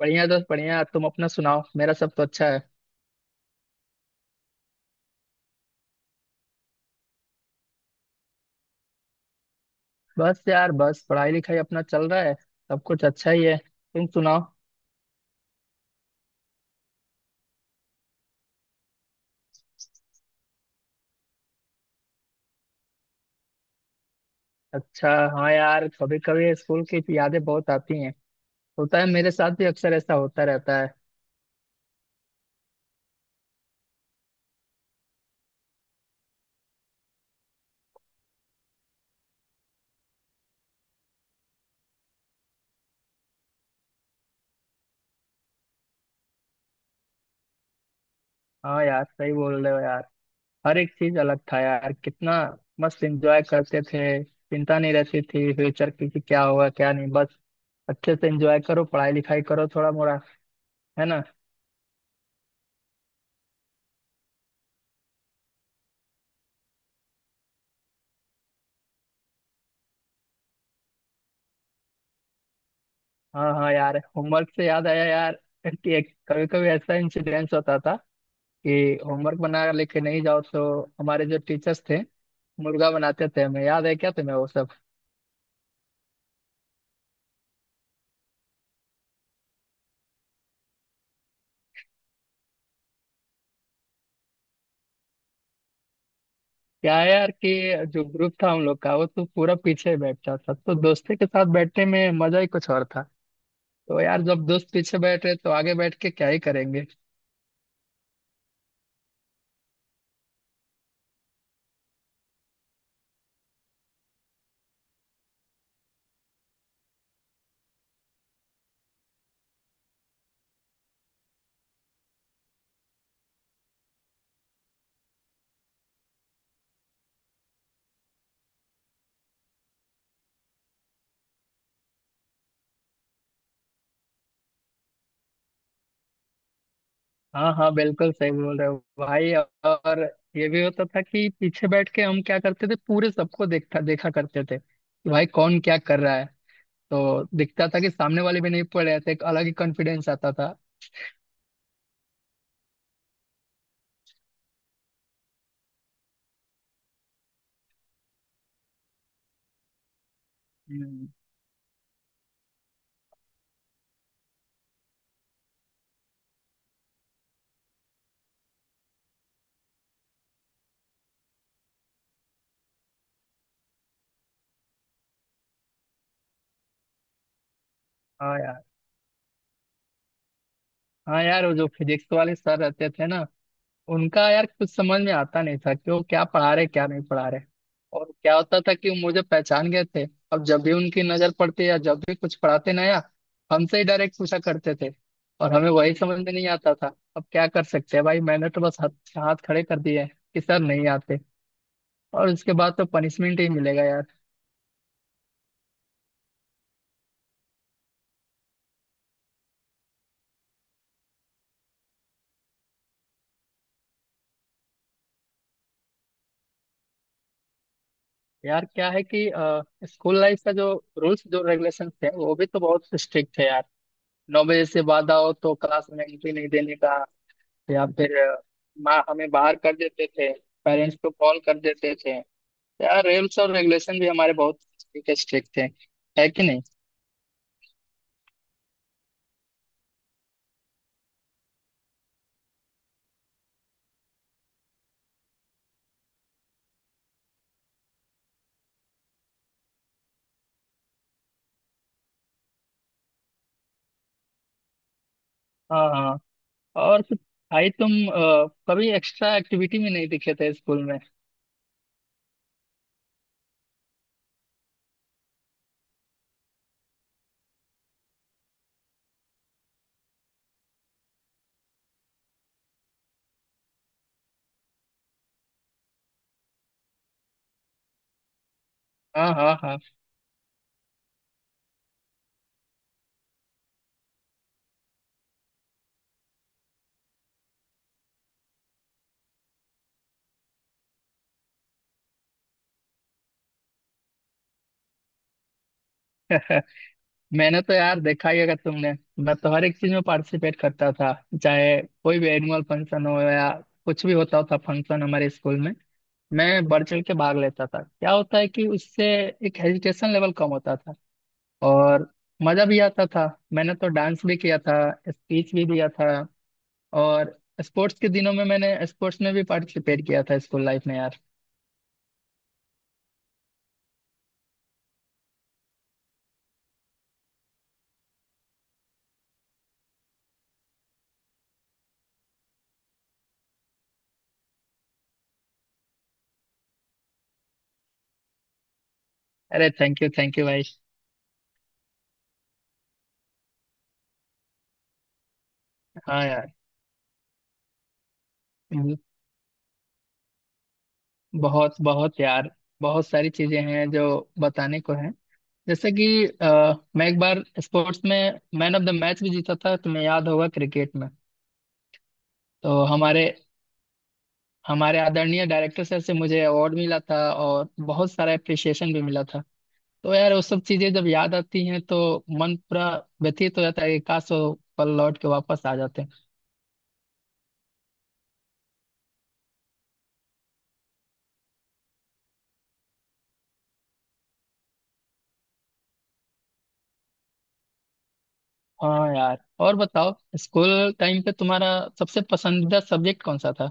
बढ़िया दोस्त बढ़िया। तुम अपना सुनाओ, मेरा सब तो अच्छा है। बस यार बस पढ़ाई लिखाई अपना चल रहा है, सब कुछ अच्छा ही है। तुम सुनाओ। अच्छा। हाँ यार, कभी कभी स्कूल की यादें बहुत आती हैं। होता है, मेरे साथ भी अक्सर ऐसा होता रहता है। हाँ यार, सही बोल रहे हो यार। हर एक चीज अलग था यार, कितना मस्त एंजॉय करते थे। चिंता नहीं रहती थी फ्यूचर की कि क्या होगा क्या नहीं। बस अच्छे से एंजॉय करो, पढ़ाई लिखाई करो थोड़ा मोड़ा, है ना। हाँ हाँ यार, होमवर्क से याद आया यार, कि एक कभी कभी ऐसा इंसिडेंस होता था कि होमवर्क बना लेके नहीं जाओ तो हमारे जो टीचर्स थे मुर्गा बनाते थे। हमें याद है, क्या तुम्हें वो सब। क्या है यार कि जो ग्रुप था हम लोग का वो तो पूरा पीछे ही बैठता था, तो दोस्ती के साथ बैठने में मजा ही कुछ और था। तो यार जब दोस्त पीछे बैठ रहे तो आगे बैठ के क्या ही करेंगे। हाँ हाँ, बिल्कुल सही बोल रहे हो भाई। और ये भी होता था कि पीछे बैठ के हम क्या करते थे, पूरे सबको देखता देखा करते थे कि भाई कौन क्या कर रहा है। तो दिखता था कि सामने वाले भी नहीं पढ़ रहे थे, एक अलग ही कॉन्फिडेंस आता था। हम्म। हाँ यार। हाँ यार, वो जो फिजिक्स वाले सर रहते थे ना, उनका यार कुछ समझ में आता नहीं था कि वो क्या पढ़ा रहे क्या नहीं पढ़ा रहे। और क्या होता था कि वो मुझे पहचान गए थे। अब जब भी उनकी नजर पड़ती या जब भी कुछ पढ़ाते नया, हमसे ही डायरेक्ट पूछा करते थे। और हमें वही समझ में नहीं आता था, अब क्या कर सकते हैं भाई, मैंने तो बस हाथ हाथ खड़े कर दिए हैं कि सर नहीं आते। और उसके बाद तो पनिशमेंट ही मिलेगा यार। यार क्या है कि स्कूल लाइफ का जो रूल्स जो रेगुलेशन थे वो भी तो बहुत स्ट्रिक्ट थे यार। 9 बजे से बाद आओ तो क्लास में एंट्री नहीं देने का, या फिर माँ हमें बाहर कर देते थे, पेरेंट्स को कॉल कर देते थे। यार रूल्स और रेगुलेशन भी हमारे बहुत स्ट्रिक्ट थे, है कि नहीं। हाँ हाँ। और फिर भाई तुम कभी एक्स्ट्रा एक्टिविटी में नहीं दिखे थे स्कूल में। हाँ हाँ हाँ। मैंने तो यार देखा ही अगर तुमने। मैं तो हर एक चीज में पार्टिसिपेट करता था, चाहे कोई भी एनुअल फंक्शन हो या कुछ भी होता था फंक्शन हमारे स्कूल में, मैं बढ़ चढ़ के भाग लेता था। क्या होता है कि उससे एक हेजिटेशन लेवल कम होता था, और मजा भी आता था। मैंने तो डांस भी किया था, स्पीच भी दिया था, और स्पोर्ट्स के दिनों में मैंने स्पोर्ट्स में भी पार्टिसिपेट किया था स्कूल लाइफ में यार। अरे थैंक यू भाई। हाँ यार। हम्म, बहुत बहुत यार, बहुत सारी चीजें हैं जो बताने को हैं, जैसे कि मैं एक बार स्पोर्ट्स में मैन ऑफ द मैच भी जीता था, तुम्हें याद होगा क्रिकेट में। तो हमारे हमारे आदरणीय डायरेक्टर सर से मुझे अवार्ड मिला था और बहुत सारा अप्रिसिएशन भी मिला था। तो यार वो सब चीजें जब याद आती हैं तो मन पूरा व्यथित हो जाता है कि काश वो पल लौट के वापस आ जाते। हैं हाँ यार। और बताओ, स्कूल टाइम पे तुम्हारा सबसे पसंदीदा सब्जेक्ट कौन सा था।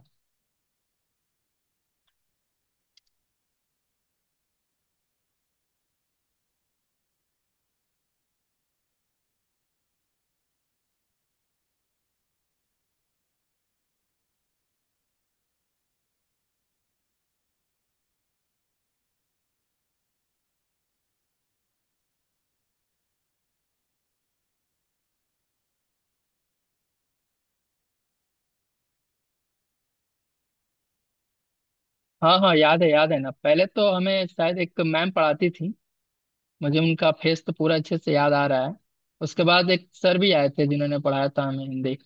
हाँ हाँ, याद है, याद है ना, पहले तो हमें शायद एक मैम पढ़ाती थी, मुझे उनका फेस तो पूरा अच्छे से याद आ रहा है। उसके बाद एक सर भी आए थे जिन्होंने पढ़ाया था हमें हिंदी।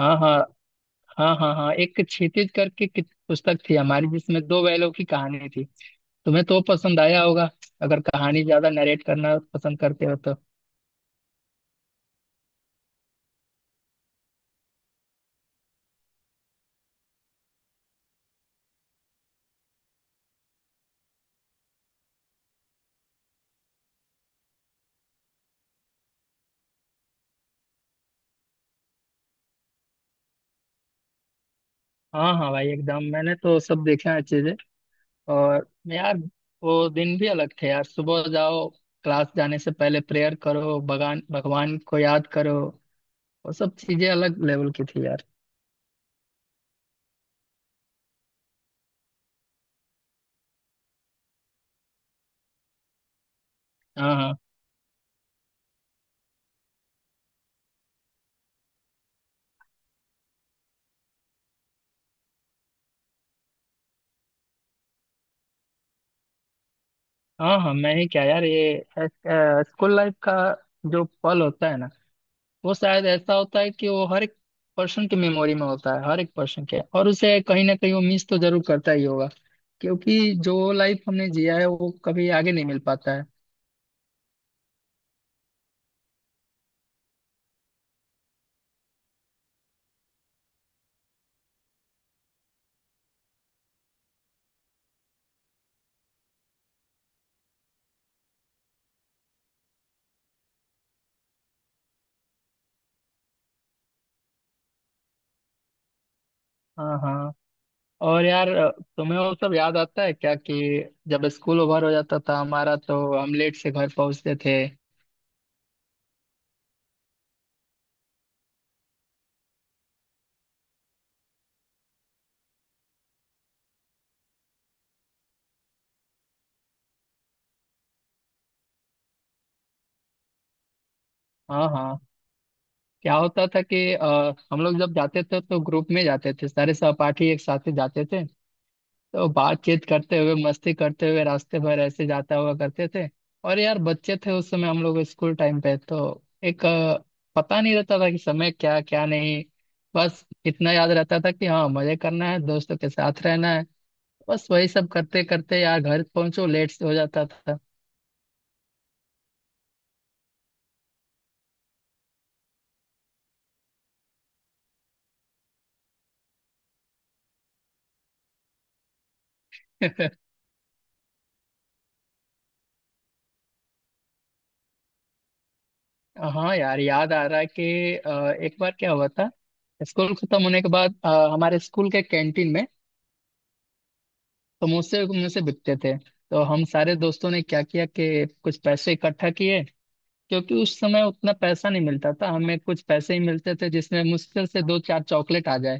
हाँ हाँ हाँ हाँ, हाँ एक क्षितिज करके पुस्तक थी हमारी जिसमें दो बैलों की कहानी थी। तुम्हें तो पसंद आया होगा अगर कहानी ज्यादा नरेट करना पसंद करते हो तो। हाँ हाँ भाई एकदम, मैंने तो सब देखे हैं अच्छे से। और यार वो दिन भी अलग थे यार, सुबह जाओ, क्लास जाने से पहले प्रेयर करो, भगवान भगवान को याद करो। वो सब चीजें अलग लेवल की थी यार। हाँ हाँ हाँ हाँ, मैं ही क्या यार, ये स्कूल लाइफ का जो पल होता है ना, वो शायद ऐसा होता है कि वो हर एक पर्सन के मेमोरी में होता है हर एक पर्सन के, और उसे कहीं ना कहीं वो मिस तो जरूर करता ही होगा। क्योंकि जो लाइफ हमने जिया है वो कभी आगे नहीं मिल पाता है। हाँ हाँ। और यार तुम्हें वो सब याद आता है क्या कि जब स्कूल ओवर हो जाता था हमारा तो हम लेट से घर पहुंचते थे। हाँ हाँ। क्या होता था कि हम लोग जब जाते थे तो ग्रुप में जाते थे, सारे सहपाठी एक साथ ही जाते थे। तो बातचीत करते हुए मस्ती करते हुए रास्ते भर ऐसे जाता हुआ करते थे। और यार बच्चे थे उस समय हम लोग, स्कूल टाइम पे तो एक पता नहीं रहता था कि समय क्या क्या नहीं। बस इतना याद रहता था कि हाँ मजे करना है दोस्तों के साथ रहना है, बस वही सब करते करते यार घर पहुंचो लेट हो जाता था। हाँ यार, याद आ रहा है कि एक बार क्या हुआ था। स्कूल खत्म होने के बाद हमारे स्कूल के कैंटीन में समोसे मुझसे बिकते थे। तो हम सारे दोस्तों ने क्या किया कि कुछ पैसे इकट्ठा किए, क्योंकि उस समय उतना पैसा नहीं मिलता था, हमें कुछ पैसे ही मिलते थे जिसमें मुश्किल से दो चार चॉकलेट आ जाए।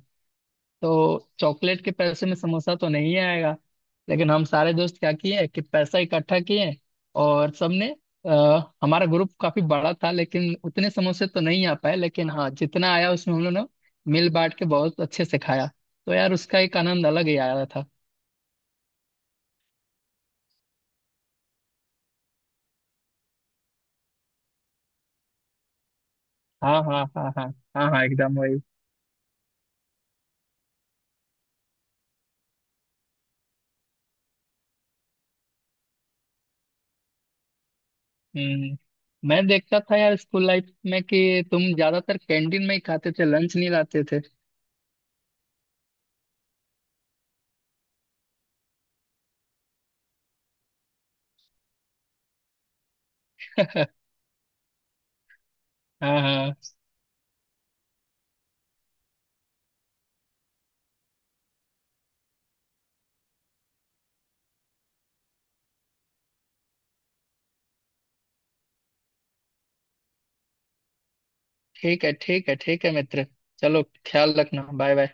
तो चॉकलेट के पैसे में समोसा तो नहीं आएगा। लेकिन हम सारे दोस्त क्या किए कि पैसा इकट्ठा किए और सबने, हमारा ग्रुप काफी बड़ा था लेकिन उतने समोसे तो नहीं आ पाए, लेकिन हाँ जितना आया उसमें हम लोगों ने मिल बांट के बहुत अच्छे से खाया। तो यार उसका एक आनंद अलग ही आया था। हाँ हाँ हाँ हाँ, हाँ हाँ एकदम वही। हम्म। मैं देखता था यार स्कूल लाइफ में कि तुम ज्यादातर कैंटीन में ही खाते थे, लंच नहीं लाते थे। हाँ हाँ। ठीक है ठीक है ठीक है मित्र, चलो ख्याल रखना, बाय बाय।